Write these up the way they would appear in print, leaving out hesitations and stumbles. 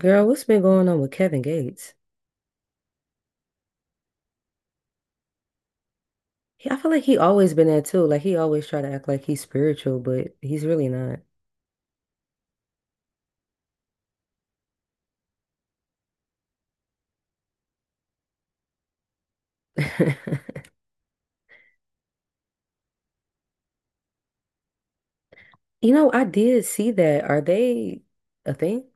Girl, what's been going on with Kevin Gates? He, I feel like he always been that too. Like he always try to act like he's spiritual, but he's really not. You know, I did see that. Are they a thing?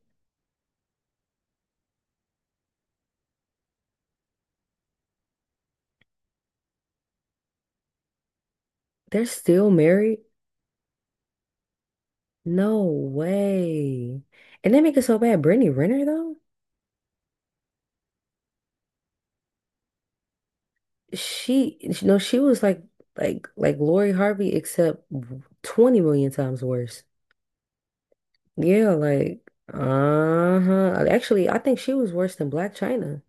They're still married? No way. And they make it so bad. Brittany Renner though, she, you know, she was like, like Lori Harvey, except 20 million times worse. Yeah, like, uh-huh. Actually, I think she was worse than Black China.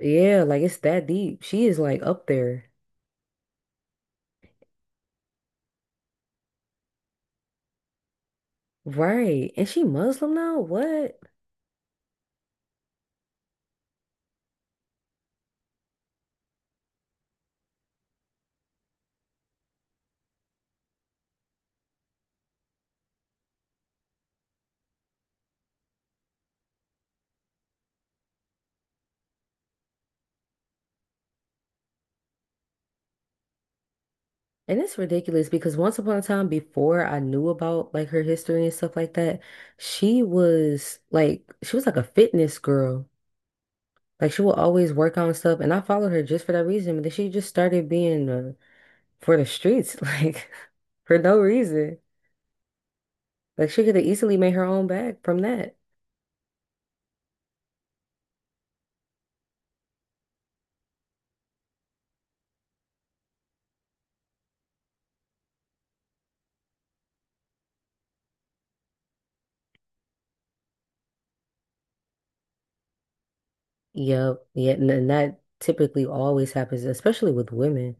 Yeah, like it's that deep. She is like up there. Right. And she Muslim now? What? And it's ridiculous because once upon a time before I knew about like her history and stuff like that, she was like a fitness girl. Like she would always work on stuff and I followed her just for that reason, but then she just started being for the streets like for no reason. Like she could have easily made her own bag from that. Yep. Yeah, and that typically always happens, especially with women.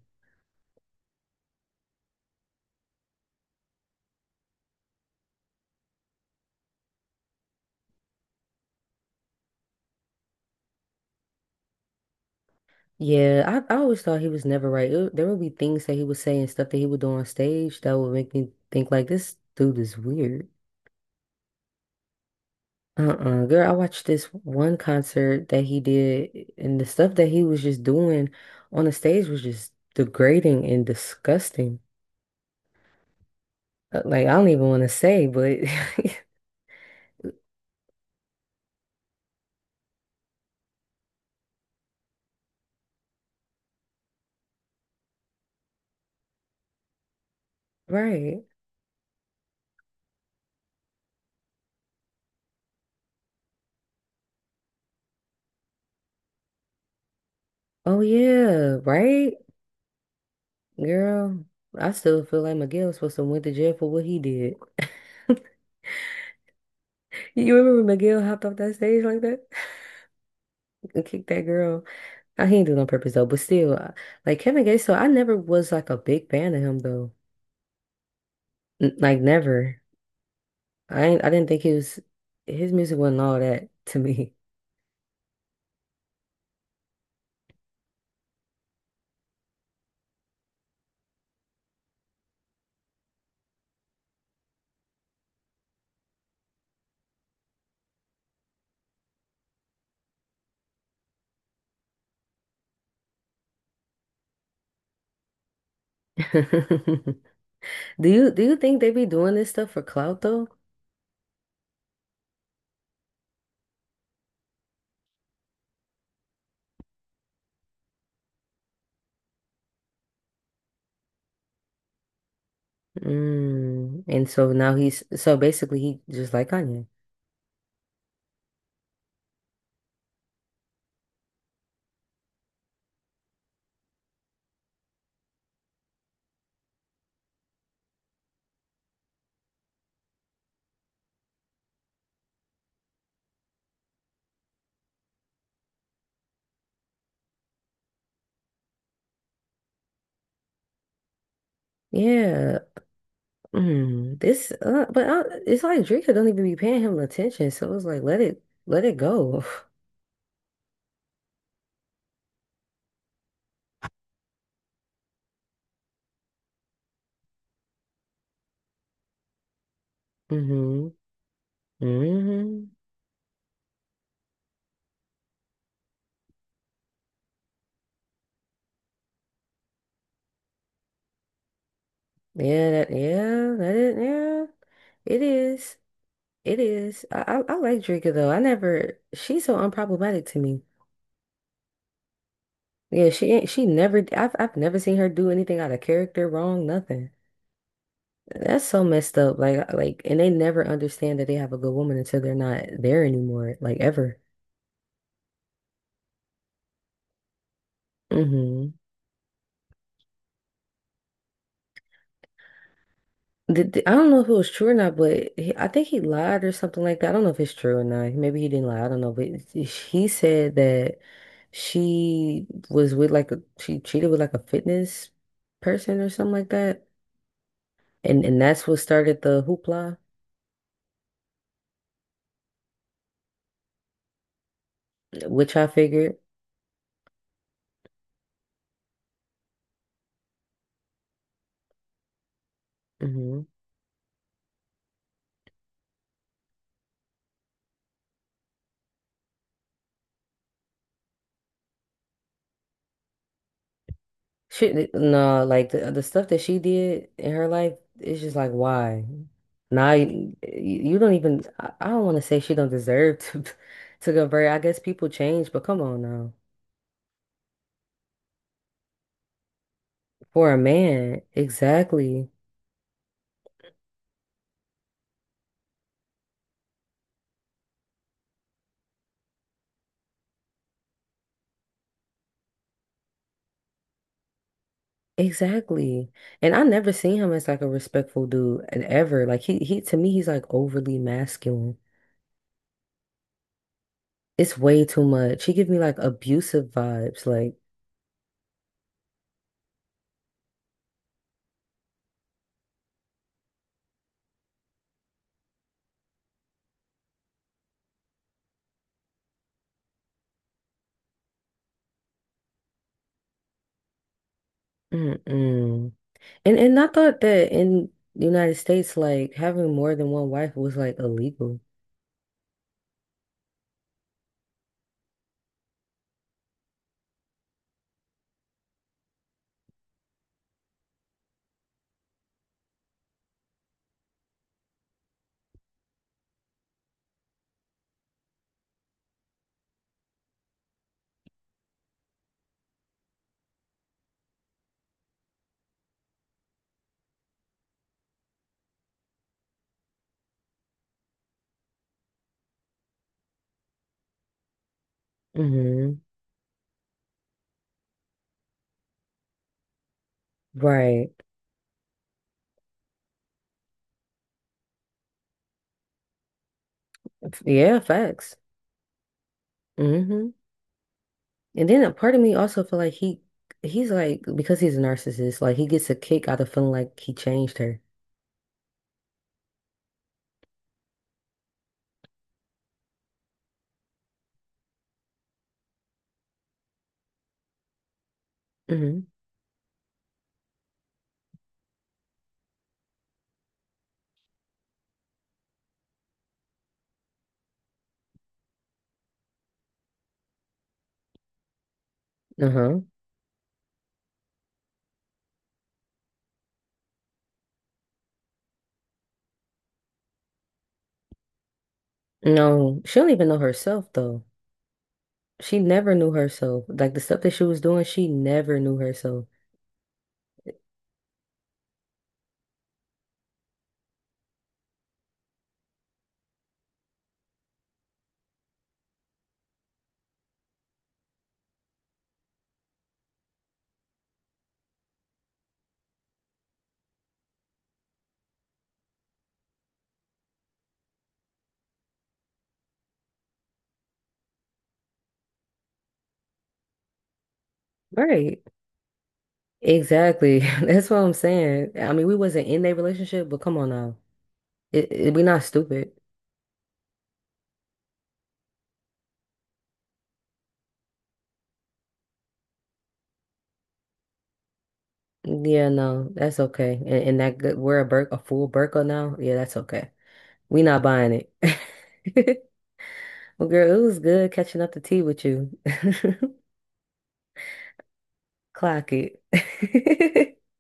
Yeah, I always thought he was never right. There would be things that he would say and stuff that he would do on stage that would make me think like this dude is weird. Uh-uh. Girl, I watched this one concert that he did and the stuff that he was just doing on the stage was just degrading and disgusting. Like I don't even want to say, but right. Oh yeah, right? Girl, I still feel like Miguel was supposed to went to jail for what he did. You remember Miguel hopped off that stage like that and kicked that girl? I he didn't do it on purpose though, but still, like Kevin Gates, so I never was like a big fan of him though. N like never. I didn't think he was his music wasn't all that to me. Do you think they be doing this stuff for clout though? Mm. And so now he's so basically he just like Kanye. Yeah. Mm. This but I, it's like Drake don't even be paying him attention, so it's like let it go. Mm-hmm. Mm-hmm. Yeah, that is. It is. It is. I like Drinker though. I never. She's so unproblematic to me. Yeah, she ain't. She never. I've never seen her do anything out of character, wrong, nothing. That's so messed up. Like, and they never understand that they have a good woman until they're not there anymore. Like ever. Hmm. I don't know if it was true or not, but he, I think he lied or something like that. I don't know if it's true or not. Maybe he didn't lie. I don't know. But he said that she was with like a, she cheated with like a fitness person or something like that. And that's what started the hoopla, which I figured. Hmm. Shit, no, like the stuff that she did in her life, it's just like, why? Now you don't even, I don't want to say she don't deserve to, to go very, I guess people change, but come on now. For a man, exactly. Exactly. And I never seen him as like a respectful dude and ever. Like he to me he's like overly masculine. It's way too much. He give me like abusive vibes. Like, mm-mm. And I thought that in the United States, like having more than one wife was like illegal. Hmm. Right. Yeah, facts. Hmm. And then a part of me also feel like he's like because he's a narcissist, like he gets a kick out of feeling like he changed her. Hmm. Uh-huh. No, she don't even know herself though. She never knew herself. Like the stuff that she was doing, she never knew herself. Right. Exactly. That's what I'm saying. I mean, we wasn't in that relationship, but come on now. We not stupid. Yeah, no, that's okay. And that good, we're a bur a full burqa now. Yeah, that's okay. We not buying it. Well, girl, it was good catching up the tea with you. Clock it.